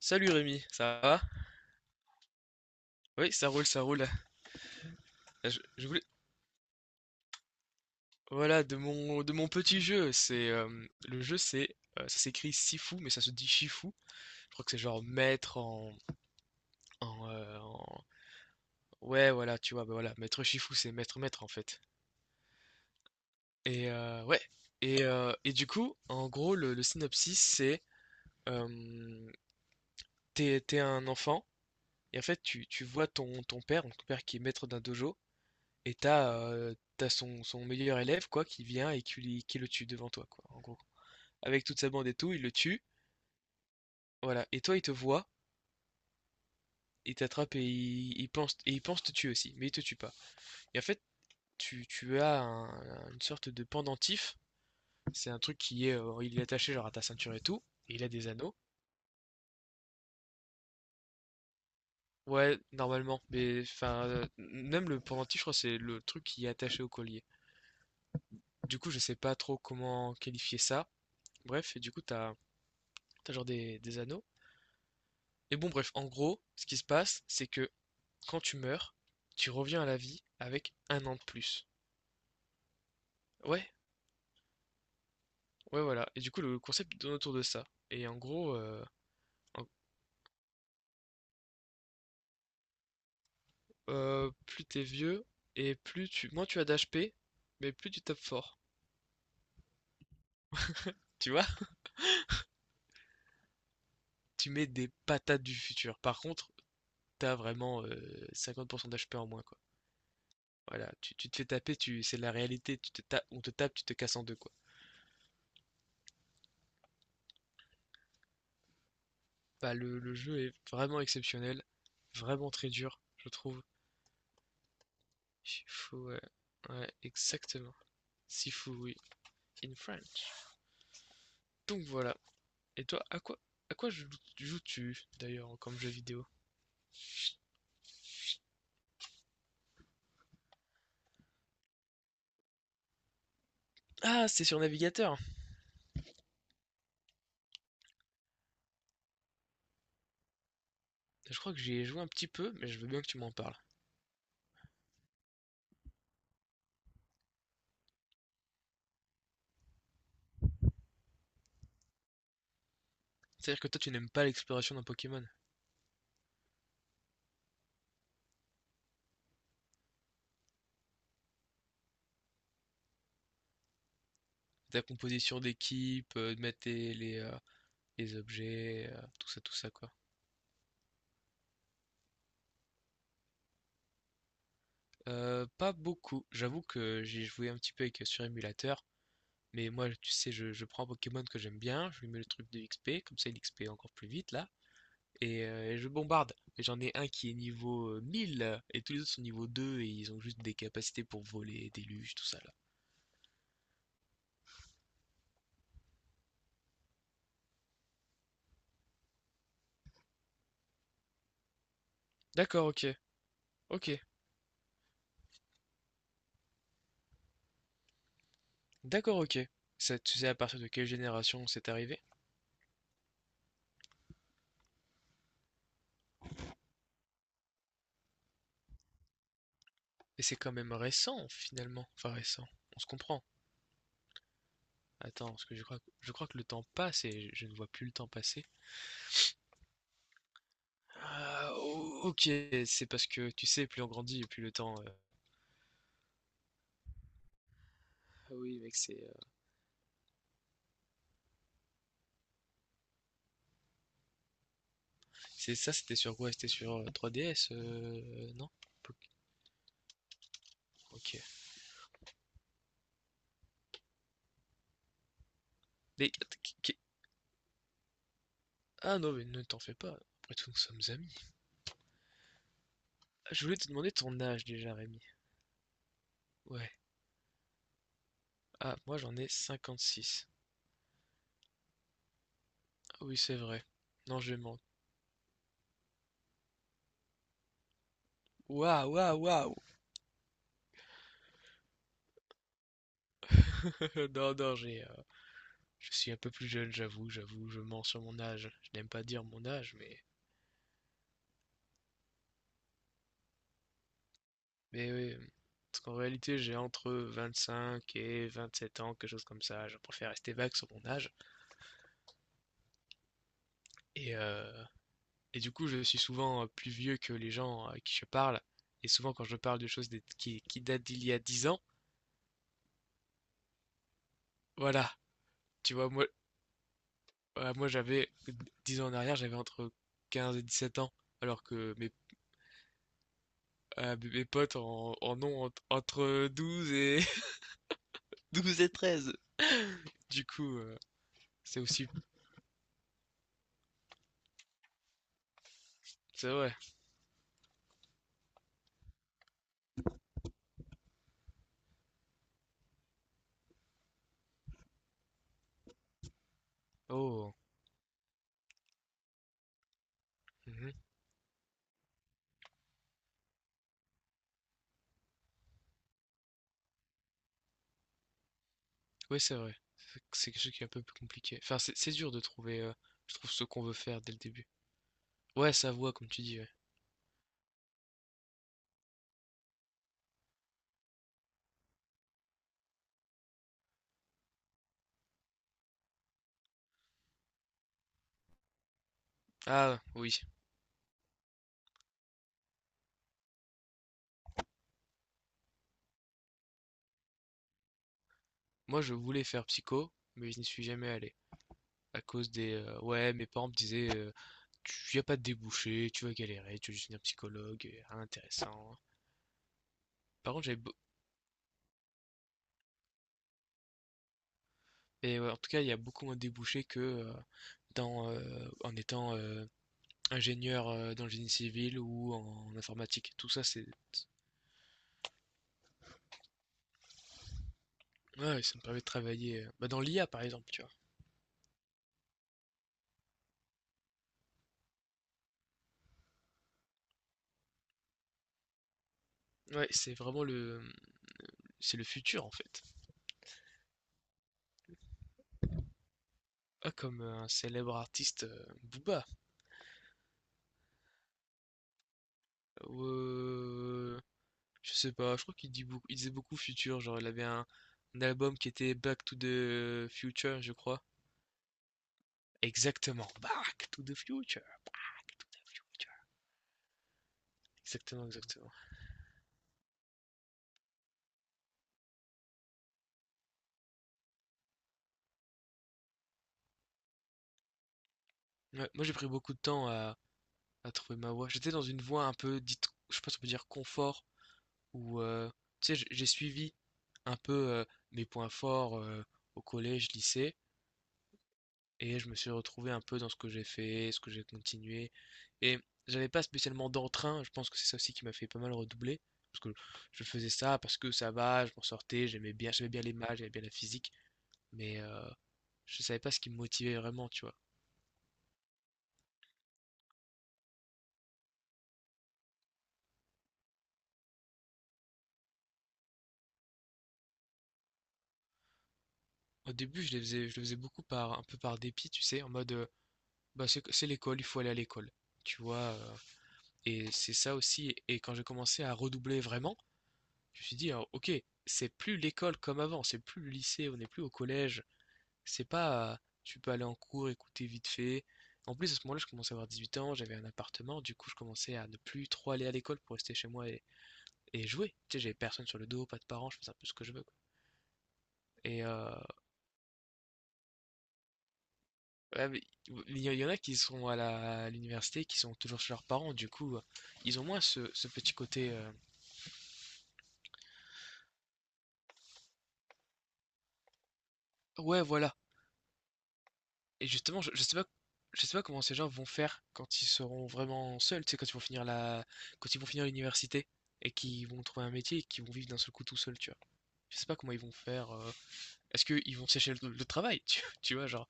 Salut Rémi, ça va? Oui, ça roule, ça roule. Je voulais... Voilà, de mon petit jeu, c'est le jeu, c'est ça s'écrit Sifu mais ça se dit Shifu. Je crois que c'est genre maître en, euh, en- Ouais, voilà, tu vois, bah voilà, maître Shifu, c'est maître maître en fait. Et ouais. Et du coup, en gros, le synopsis, c'est euh, t'es un enfant et en fait tu vois ton père, donc ton père qui est maître d'un dojo. Et t'as son meilleur élève, quoi, qui vient et qui le tue devant toi, quoi, en gros. Avec toute sa bande et tout, il le tue. Voilà. Et toi, il te voit, il t'attrape et il pense te tuer aussi, mais il te tue pas. Et en fait, tu as une sorte de pendentif. C'est un truc il est attaché genre à ta ceinture et tout. Et il a des anneaux. Ouais, normalement. Mais enfin, même le pendentif, je crois, c'est le truc qui est attaché au collier. Du coup, je sais pas trop comment qualifier ça. Bref, et du coup, t'as genre des anneaux. Et bon bref, en gros, ce qui se passe, c'est que quand tu meurs, tu reviens à la vie avec un an de plus. Ouais, ouais, voilà. Et du coup, le concept tourne autour de ça. Et en gros, en- plus t'es vieux et moins tu as d'HP, mais plus tu tapes fort. Tu vois? Tu mets des patates du futur. Par contre, t'as vraiment 50% d'HP en moins, quoi. Voilà, tu te fais taper, c'est la réalité. On te tape, tu te casses en deux, quoi. Bah, le jeu est vraiment exceptionnel, vraiment très dur, je trouve. Shifu, ouais. Ouais, exactement. Sifu, oui, in French. Donc voilà. Et toi, à quoi joues-tu d'ailleurs comme jeu vidéo? Ah, c'est sur navigateur. Je crois que j'y ai joué un petit peu, mais je veux bien que tu m'en parles. C'est-à-dire que toi, tu n'aimes pas l'exploration d'un Pokémon. Ta composition d'équipe, de mettre les objets, tout ça, quoi. Pas beaucoup. J'avoue que j'ai joué un petit peu sur émulateur. Mais moi, tu sais, je prends un Pokémon que j'aime bien, je lui mets le truc de XP, comme ça il XP encore plus vite là. Et je bombarde. Et j'en ai un qui est niveau 1000 et tous les autres sont niveau 2 et ils ont juste des capacités pour voler, déluge, tout ça là. D'accord, ok, ok, d'accord, ok. Ça, tu sais à partir de quelle génération c'est arrivé? Et c'est quand même récent finalement. Enfin récent, on se comprend. Attends, parce que je crois que le temps passe et je ne vois plus le temps passer. Ah, ok, c'est parce que tu sais, plus on grandit et plus le temps. Ah oui, mec, c'est. C'est ça, c'était sur quoi? C'était sur 3DS, non? Ok. Mais Ah non, mais ne t'en fais pas. Après tout, nous sommes amis. Ah, je voulais te demander ton âge déjà, Rémi. Ouais. Ah, moi j'en ai 56. Ah, oui, c'est vrai. Non, je mens. Waouh, waouh, waouh! Non, non, je suis un peu plus jeune, j'avoue, j'avoue, je mens sur mon âge. Je n'aime pas dire mon âge, mais. Mais oui. Parce qu'en réalité, j'ai entre 25 et 27 ans, quelque chose comme ça. Je préfère rester vague sur mon âge. Et, euh, et du coup, je suis souvent plus vieux que les gens à qui je parle. Et souvent, quand je parle de choses qui datent d'il y a 10 ans. Voilà, tu vois, moi, voilà, moi j'avais 10 ans en arrière, j'avais entre 15 et 17 ans, alors que mes, ah, mes potes en ont entre 12 et 12 et 13. Du coup, c'est aussi, c'est vrai. Oh, mhm. Oui, c'est vrai. C'est quelque chose qui est un peu plus compliqué. Enfin, c'est dur de trouver, je trouve, ce qu'on veut faire dès le début. Ouais, sa voix, comme tu dis. Ouais. Ah, oui. Moi, je voulais faire psycho, mais je n'y suis jamais allé, à cause des ouais, mes parents me disaient tu y a pas de débouché, tu vas galérer, tu vas juste devenir psychologue, et rien d'intéressant. Par contre, j'avais beau- Et ouais, en tout cas, il y a beaucoup moins de débouchés que dans en étant ingénieur dans le génie civil ou en informatique. Tout ça, c'est ouais, ça me permet de travailler bah, dans l'IA par exemple, tu vois. Ouais, c'est vraiment le c'est le futur en fait. Ah, comme un célèbre artiste Booba. Euh, Je sais pas, je crois qu'il dit beaucoup, il disait beaucoup futur, genre il avait un album qui était Back to the Future, je crois. Exactement, Back to the Future, Back to the Future. Exactement, exactement. Ouais, moi j'ai pris beaucoup de temps à trouver ma voix. J'étais dans une voie un peu dite, je sais pas si on peut dire confort, où tu sais, j'ai suivi un peu mes points forts au collège, lycée. Et je me suis retrouvé un peu dans ce que j'ai fait, ce que j'ai continué. Et j'avais pas spécialement d'entrain, je pense que c'est ça aussi qui m'a fait pas mal redoubler. Parce que je faisais ça parce que ça va, je m'en sortais, j'aimais bien les maths, j'aimais bien la physique. Mais je savais pas ce qui me motivait vraiment, tu vois. Au début, je le faisais un peu par dépit, tu sais, en mode, bah c'est l'école, il faut aller à l'école, tu vois. Et c'est ça aussi. Et quand j'ai commencé à redoubler vraiment, je me suis dit, hein, ok, c'est plus l'école comme avant, c'est plus le lycée, on n'est plus au collège. C'est pas, tu peux aller en cours, écouter vite fait. En plus, à ce moment-là, je commençais à avoir 18 ans, j'avais un appartement, du coup, je commençais à ne plus trop aller à l'école pour rester chez moi et jouer. Tu sais, j'avais personne sur le dos, pas de parents, je faisais un peu ce que je veux, quoi. Et ouais, mais y en a qui sont à l'université, qui sont toujours chez leurs parents, du coup, ils ont moins ce petit côté, ouais, voilà. Et justement, je sais pas comment ces gens vont faire quand ils seront vraiment seuls, tu sais, quand ils vont finir l'université et qu'ils vont trouver un métier et qu'ils vont vivre d'un seul coup tout seuls, tu vois. Je sais pas comment ils vont faire. Est-ce qu'ils vont sécher le travail, tu vois, genre.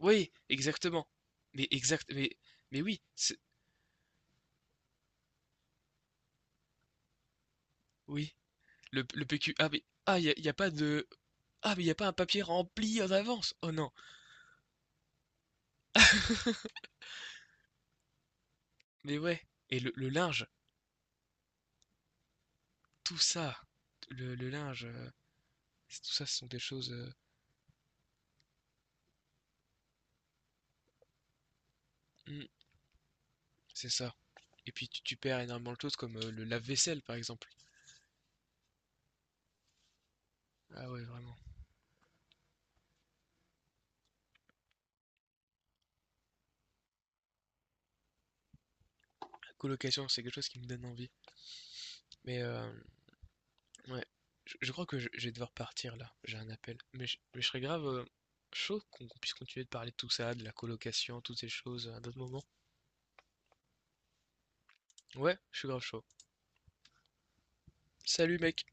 Oui, exactement. Mais exact, mais oui, oui. Le PQ. Ah mais y a pas de. Ah mais y a pas un papier rempli en avance. Oh non. Mais ouais. Et le linge, tout ça, le linge, tout ça, ce sont des choses. Hmm. C'est ça. Et puis tu perds énormément de choses comme le lave-vaisselle par exemple. Ah ouais, vraiment. La colocation, c'est quelque chose qui me donne envie. Mais ouais, je crois que je vais devoir partir là. J'ai un appel. Mais je serais grave chaud qu'on puisse continuer de parler de tout ça, de la colocation, toutes ces choses à d'autres moments. Ouais, je suis grave chaud. Salut mec!